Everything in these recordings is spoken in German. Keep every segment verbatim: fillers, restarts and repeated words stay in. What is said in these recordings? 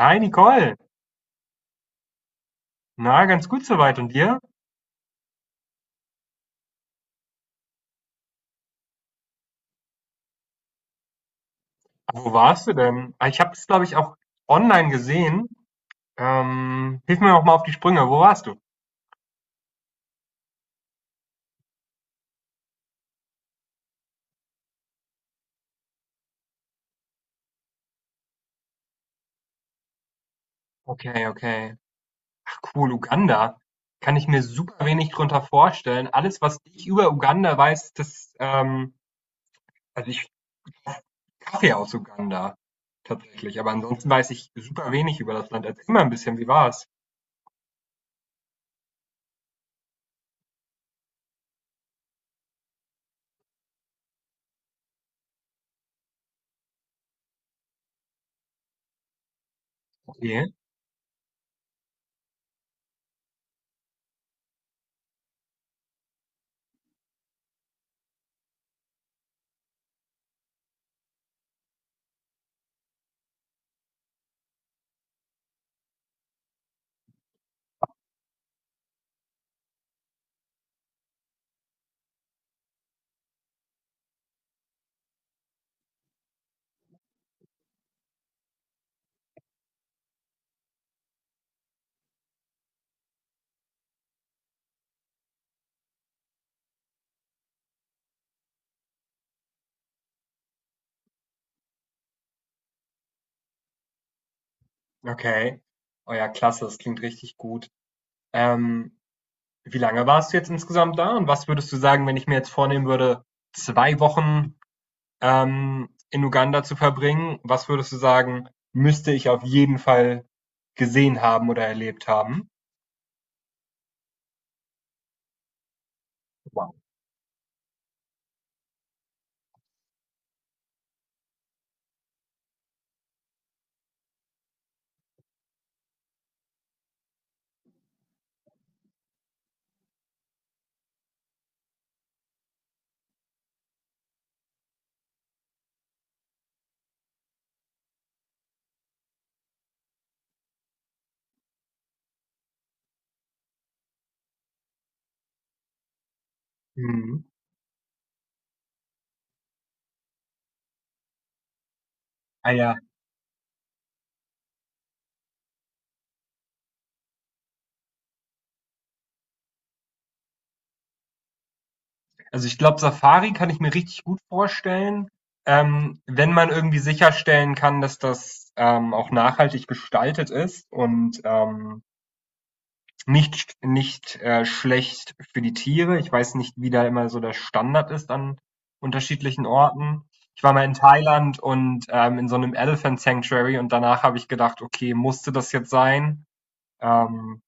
Hi Nicole, na ganz gut soweit und dir? Wo warst du denn? Ah, ich habe es glaube ich auch online gesehen. Ähm, hilf mir noch mal auf die Sprünge. Wo warst du? Okay, okay. Ach cool, Uganda. Kann ich mir super wenig drunter vorstellen. Alles, was ich über Uganda weiß, das ähm, also ich Kaffee aus Uganda tatsächlich. Aber ansonsten weiß ich super wenig über das Land. Erzähl mal ein bisschen, wie war's? Okay, okay. Oh ja, klasse. Das klingt richtig gut. Ähm, Wie lange warst du jetzt insgesamt da und was würdest du sagen, wenn ich mir jetzt vornehmen würde, zwei Wochen, ähm, in Uganda zu verbringen, was würdest du sagen, müsste ich auf jeden Fall gesehen haben oder erlebt haben? Wow. Mhm. Ah ja, also ich glaube, Safari kann ich mir richtig gut vorstellen, ähm, wenn man irgendwie sicherstellen kann, dass das, ähm, auch nachhaltig gestaltet ist und ähm Nicht nicht, äh, schlecht für die Tiere. Ich weiß nicht, wie da immer so der Standard ist an unterschiedlichen Orten. Ich war mal in Thailand und, ähm, in so einem Elephant Sanctuary, und danach habe ich gedacht: „Okay, musste das jetzt sein?" Ähm,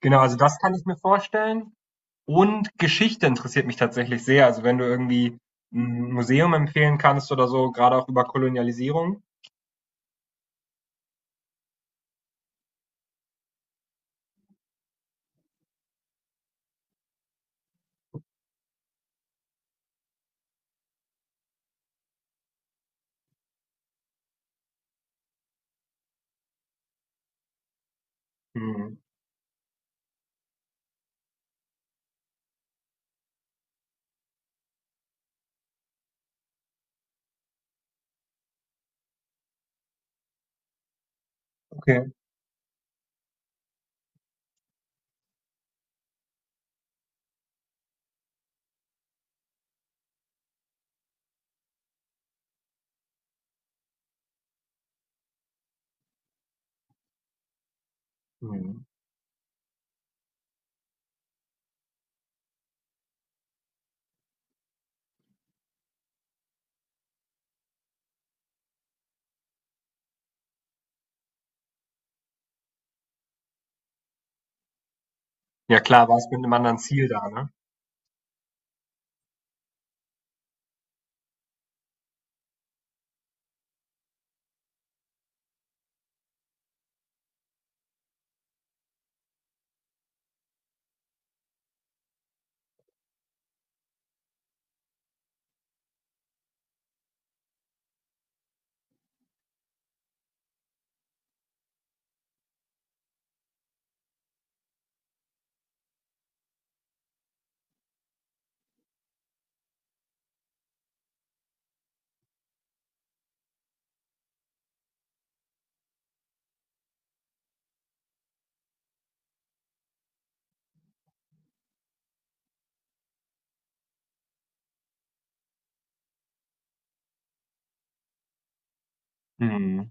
genau, also das kann ich mir vorstellen. Und Geschichte interessiert mich tatsächlich sehr. Also, wenn du irgendwie 'n Museum empfehlen kannst oder so, gerade auch über Kolonialisierung. Mhm, okay. Mhm. Ja klar, warst mit einem anderen Ziel da, ne? Mhm.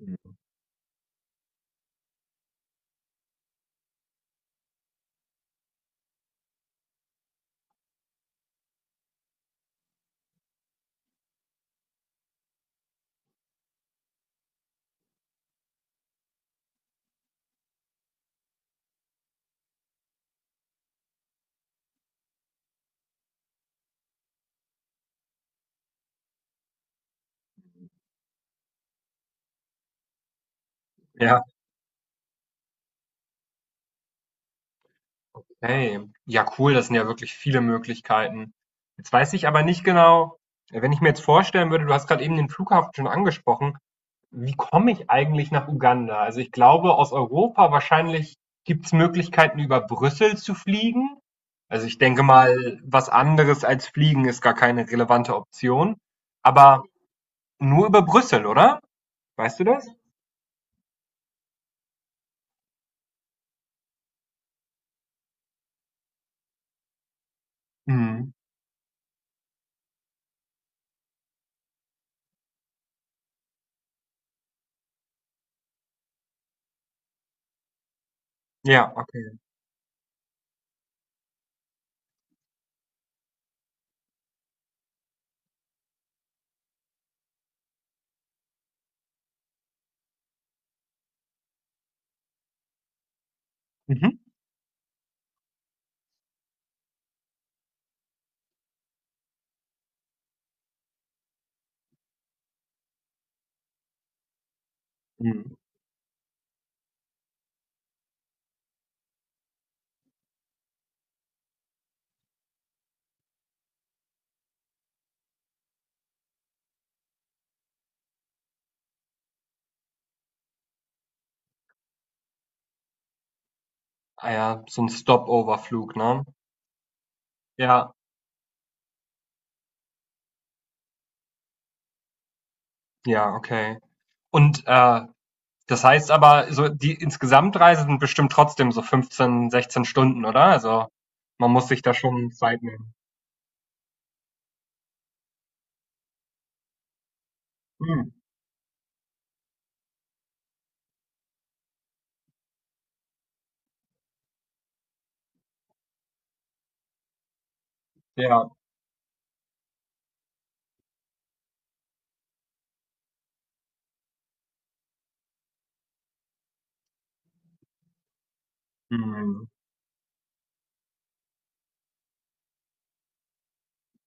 Mhm. Ja. Hey, ja cool, das sind ja wirklich viele Möglichkeiten. Jetzt weiß ich aber nicht genau, wenn ich mir jetzt vorstellen würde, du hast gerade eben den Flughafen schon angesprochen, wie komme ich eigentlich nach Uganda? Also ich glaube, aus Europa wahrscheinlich gibt es Möglichkeiten, über Brüssel zu fliegen. Also ich denke mal, was anderes als fliegen ist gar keine relevante Option. Aber nur über Brüssel, oder? Weißt du das? Mhm. Ja, okay. Mhm. Mhm. Ah ja, so ein Stopover-Flug, ne? Ja, ja, okay. Und äh, das heißt aber, so die Insgesamtreise sind bestimmt trotzdem so fünfzehn sechzehn Stunden, oder? Also man muss sich da schon Zeit nehmen. Hm, ja, hm,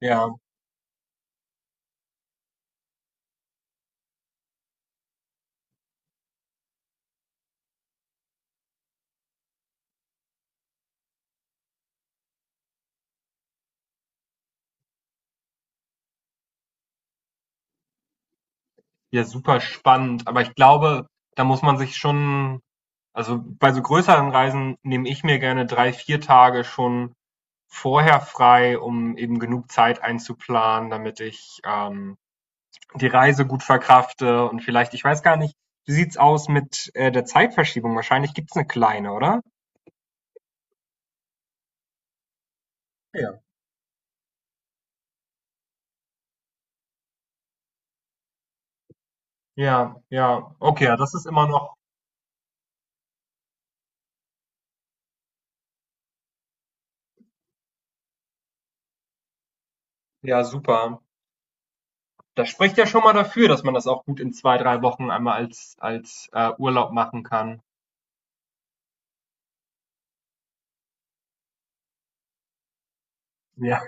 ja, ja, super spannend. Aber ich glaube, da muss man sich schon, also bei so größeren Reisen nehme ich mir gerne drei, vier Tage schon vorher frei, um eben genug Zeit einzuplanen, damit ich ähm, die Reise gut verkrafte, und vielleicht, ich weiß gar nicht, wie sieht's aus mit äh, der Zeitverschiebung? Wahrscheinlich gibt's eine kleine, oder? Ja. Ja, ja. Okay, ja, das ist immer noch, ja, super. Das spricht ja schon mal dafür, dass man das auch gut in zwei, drei Wochen einmal als, als äh, Urlaub machen kann. Ja,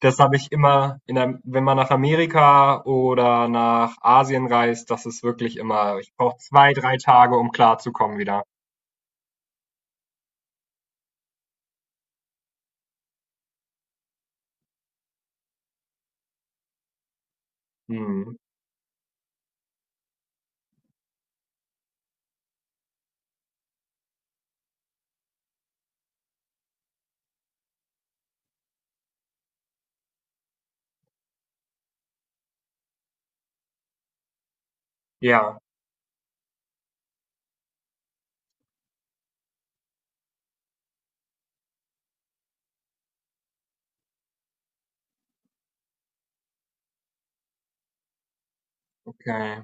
das habe ich immer, in der, wenn man nach Amerika oder nach Asien reist, das ist wirklich immer, ich brauche zwei, drei Tage, um klarzukommen wieder. Hm. Ja, okay.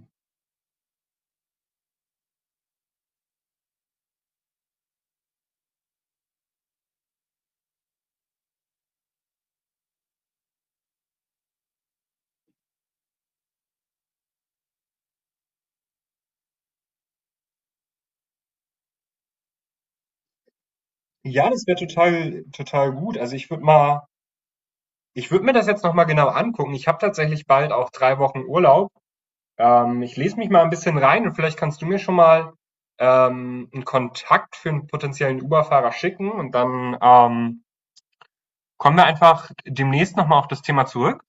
Ja, das wäre total total gut. Also, ich würde mal ich würde mir das jetzt noch mal genau angucken. Ich habe tatsächlich bald auch drei Wochen Urlaub. Ähm, ich lese mich mal ein bisschen rein, und vielleicht kannst du mir schon mal, ähm, 'n Kontakt für einen potenziellen Uber-Fahrer schicken, und dann ähm, kommen wir einfach demnächst noch mal auf das Thema zurück.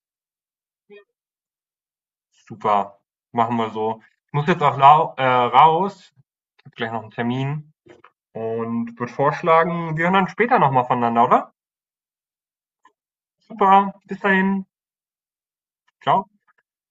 Super, machen wir so. Ich muss jetzt auch lau äh, raus. Ich habe gleich noch einen Termin und würde vorschlagen, wir hören dann später noch mal voneinander, oder? Super, bis dahin. Ciao.